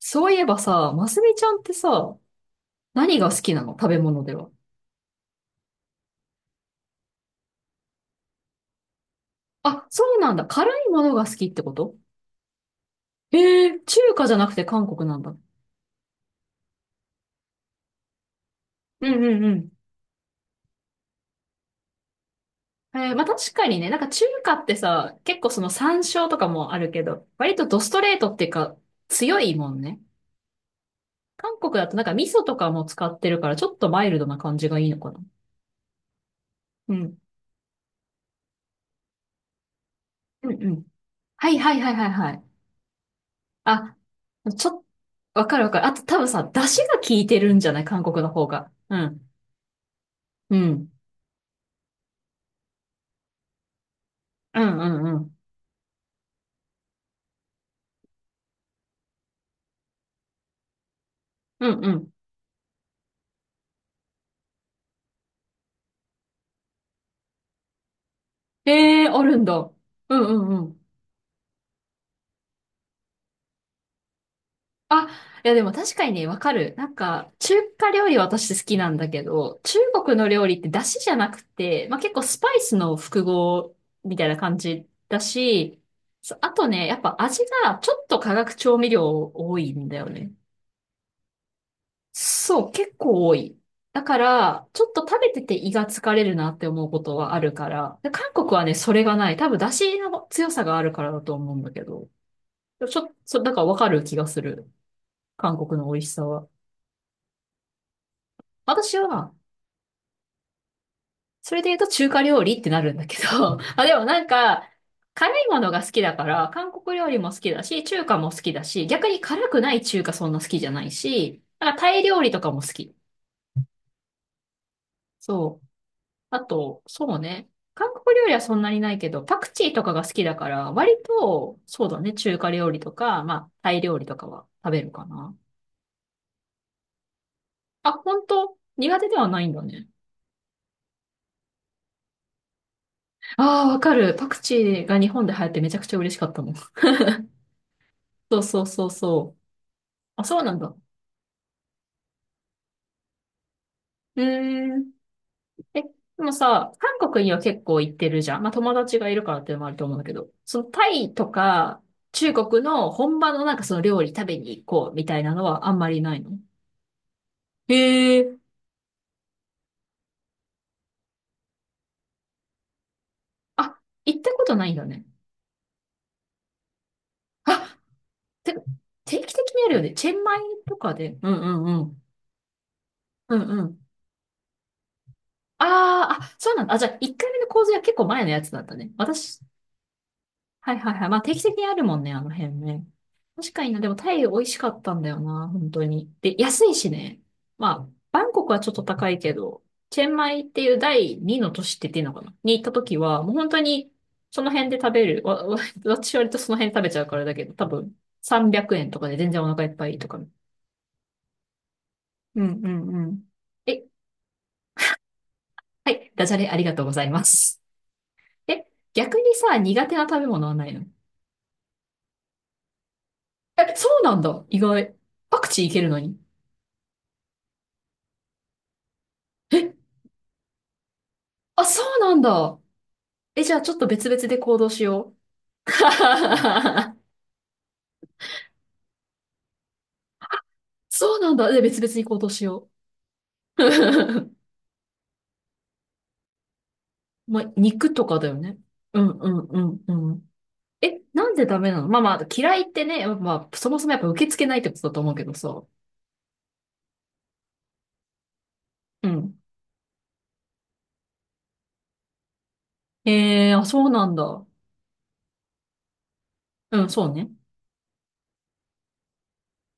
そういえばさ、ますみちゃんってさ、何が好きなの？食べ物では。あ、そうなんだ。辛いものが好きってこと？ええー、中華じゃなくて韓国なんだ。うんうんうん。まあ確かにね、なんか中華ってさ、結構その山椒とかもあるけど、割とドストレートっていうか、強いもんね。韓国だとなんか味噌とかも使ってるから、ちょっとマイルドな感じがいいのかな。うん。うんうん。はいはいはいはいはい。あ、ちょっと、わかるわかる。あと多分さ、出汁が効いてるんじゃない？韓国の方が。うん。うん。うんうんうん。うんうん。ええー、あるんだ。うんうんうん。あ、いやでも確かにね、わかる。なんか、中華料理私好きなんだけど、中国の料理って出汁じゃなくて、まあ、結構スパイスの複合みたいな感じだし、そうあとね、やっぱ味がちょっと化学調味料多いんだよね。そう、結構多い。だから、ちょっと食べてて胃が疲れるなって思うことはあるから。で、韓国はね、それがない。多分、出汁の強さがあるからだと思うんだけど。ちょ、そ、だからわかる気がする。韓国の美味しさは。私は、それで言うと中華料理ってなるんだけど。あ、でもなんか、辛いものが好きだから、韓国料理も好きだし、中華も好きだし、逆に辛くない中華そんな好きじゃないし、なんかタイ料理とかも好き。そう。あと、そうね。韓国料理はそんなにないけど、パクチーとかが好きだから、割と、そうだね、中華料理とか、まあ、タイ料理とかは食べるかな。あ、本当？苦手ではないんだね。ああ、わかる。パクチーが日本で流行ってめちゃくちゃ嬉しかったもん。そうそうそうそう。あ、そうなんだ。うーん。でもさ、韓国には結構行ってるじゃん。まあ、友達がいるからっていうのもあると思うんだけど、そのタイとか、中国の本場のなんかその料理食べに行こうみたいなのはあんまりないの？へえ、あ、行ったことないんだね。あ、て、定期的にあるよね。チェンマイとかで。うんうんうん。うんうん。あーあ、そうなんだ。あ、じゃあ、1回目の洪水は結構前のやつだったね。私、はいはいはい。まあ定期的にあるもんね、あの辺ね。確かにな、でもタイ美味しかったんだよな、本当に。で、安いしね。まあ、バンコクはちょっと高いけど、チェンマイっていう第二の都市って言っていいのかな？に行った時は、もう本当にその辺で食べる。私割とその辺で食べちゃうからだけど、多分300円とかで全然お腹いっぱいとか。うんうんうん。え、はい、ダジャレありがとうございます。え、逆にさ、苦手な食べ物はないの？え、そうなんだ。意外。パクチーいけるのに。あ、そうなんだ。え、じゃあちょっと別々で行動しよう。そうなんだ。で、別々に行動しよう。まあ、肉とかだよね。うんうんうんうん。え、なんでダメなの？まあまあ、嫌いってね、まあ、そもそもやっぱ受け付けないってことだと思うけどさ。うん。あ、そうなんだ。うん、そうね。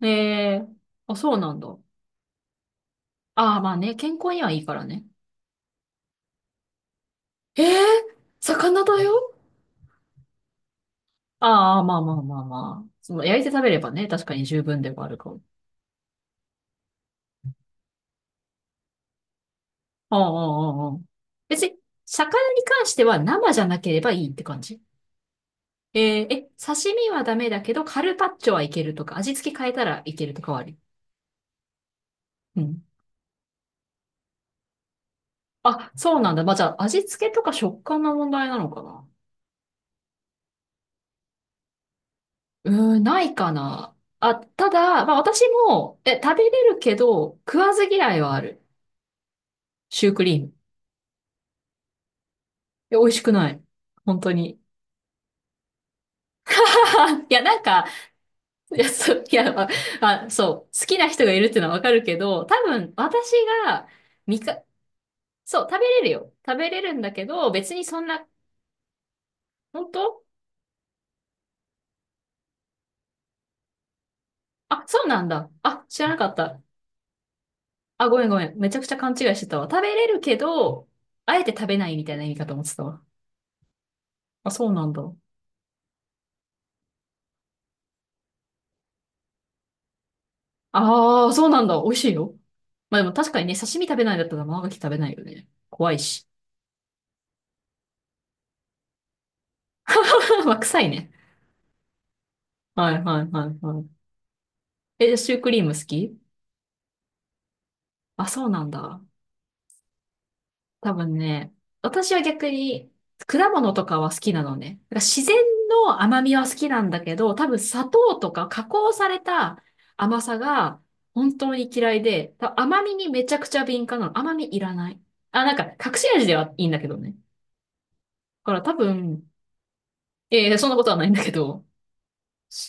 えー、あ、そうなんだ。ああ、まあね、健康にはいいからね。えー、魚だよ？ああ、まあまあまあまあ。その、焼いて食べればね、確かに十分ではあるかも。うんうんうんうん。別に、魚に関しては生じゃなければいいって感じ？えーえ、刺身はダメだけど、カルパッチョはいけるとか、味付け変えたらいけるとかはあり？うん。あ、そうなんだ。まあ、じゃあ、味付けとか食感の問題なのかな？うーん、ないかな。あ、ただ、まあ、私も、え、食べれるけど、食わず嫌いはある。シュークリーム。え、美味しくない。本当に。いや、なんか、いや、そう、いや、まあ、まあそう、好きな人がいるっていうのはわかるけど、多分、私が、みか、そう、食べれるよ。食べれるんだけど、別にそんな、本当？あ、そうなんだ。あ、知らなかった。あ、ごめんごめん。めちゃくちゃ勘違いしてたわ。食べれるけど、あえて食べないみたいな意味かと思ってたわ。あ、そうなんだ。ああ、そうなんだ。美味しいよ。まあでも確かにね、刺身食べないんだったら生牡蠣食べないよね。怖いし。まあ、臭いね。はいはいはいはい。え、シュークリーム好き？あ、そうなんだ。多分ね、私は逆に果物とかは好きなのね。だから自然の甘みは好きなんだけど、多分砂糖とか加工された甘さが本当に嫌いで、多分甘みにめちゃくちゃ敏感なの。甘みいらない。あ、なんか隠し味ではいいんだけどね。だから多分、そんなことはないんだけど、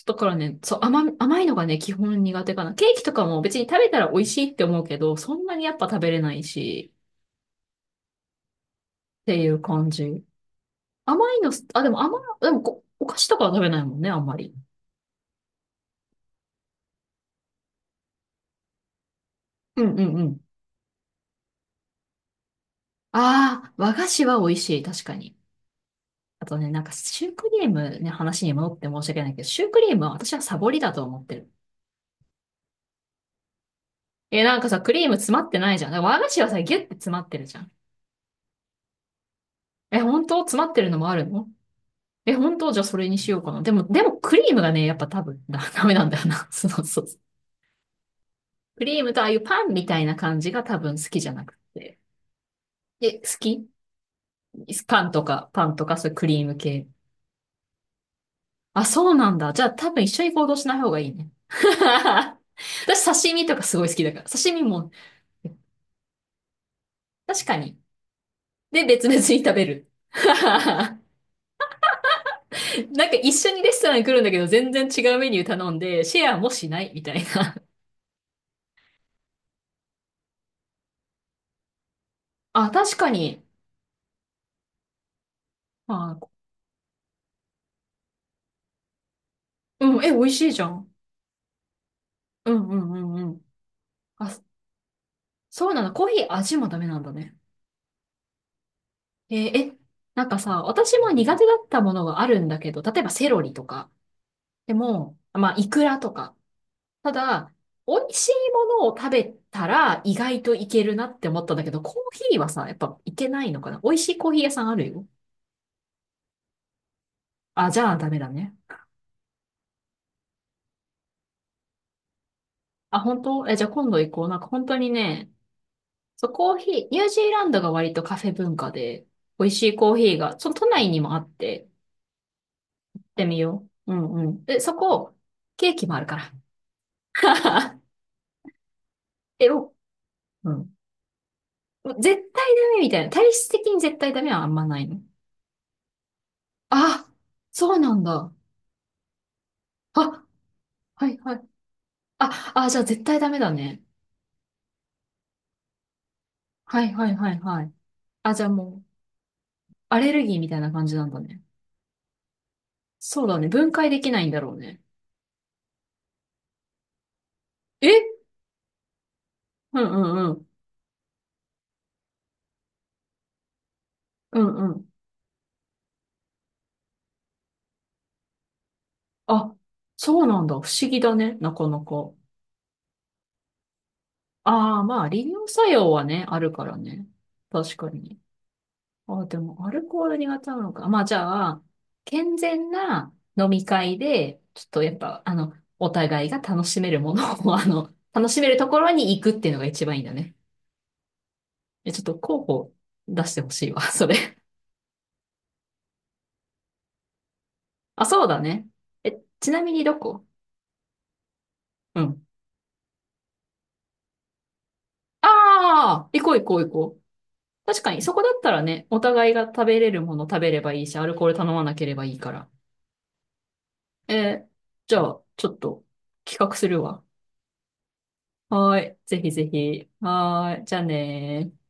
だからね、そう、甘いのがね、基本苦手かな。ケーキとかも別に食べたら美味しいって思うけど、そんなにやっぱ食べれないし、っていう感じ。甘いのす、あ、でも甘い、でもこ、お菓子とかは食べないもんね、あんまり。うんうんうん。ああ、和菓子は美味しい、確かに。あとね、なんかシュークリームね、話に戻って申し訳ないけど、シュークリームは私はサボりだと思ってる。え、なんかさ、クリーム詰まってないじゃん。だから和菓子はさ、ギュッて詰まってるじゃん。え、本当？詰まってるのもあるの？え、本当？じゃあそれにしようかな。でも、でもクリームがね、やっぱ多分、ダメなんだよな。そうそうそう。クリームとああいうパンみたいな感じが多分好きじゃなくて。え、好き？パンとか、パンとか、そういうクリーム系。あ、そうなんだ。じゃあ多分一緒に行動しない方がいいね。私刺身とかすごい好きだから。刺身も、確かに。で、別々に食べる。なんか一緒にレストランに来るんだけど、全然違うメニュー頼んで、シェアもしないみたいな。あ、確かに。まあ、うん、え、美味しいじゃん。うんうんうんうん。あ、そうなんだ。コーヒー味もダメなんだね。えーえ、なんかさ、私も苦手だったものがあるんだけど、例えばセロリとか。でも、まあ、イクラとか。ただ、美味しいものを食べたら意外といけるなって思ったんだけど、コーヒーはさ、やっぱいけないのかな？美味しいコーヒー屋さんあるよ。あ、じゃあダメだね。あ、本当？え、じゃあ今度行こう。なんか本当にね、そう、コーヒー、ニュージーランドが割とカフェ文化で、美味しいコーヒーが、その都内にもあって、行ってみよう。うんうん。でそこ、ケーキもあるから。え、お、うん。絶対ダメみたいな。体質的に絶対ダメはあんまないの？あ、そうなんだ。あ、はいはい。あ、あ、じゃあ絶対ダメだね。はいはいはいはい。あ、じゃあもう、アレルギーみたいな感じなんだね。そうだね。分解できないんだろうね。え？うんうんうん。うんうん。あ、そうなんだ。不思議だね。なかなか。ああ、まあ、利尿作用はね、あるからね。確かに。ああ、でも、アルコール苦手なのか。まあ、じゃあ、健全な飲み会で、ちょっとやっぱ、あの、お互いが楽しめるものを、あの、楽しめるところに行くっていうのが一番いいんだね。え、ちょっと候補出してほしいわ、それ。あ、そうだね。え、ちなみにどこ？うん。ああ、行こう行こう行こう。確かに、そこだったらね、お互いが食べれるもの食べればいいし、アルコール頼まなければいいから。えー、じゃあ、ちょっと企画するわ。はーい。ぜひぜひ。はーい。じゃあねー。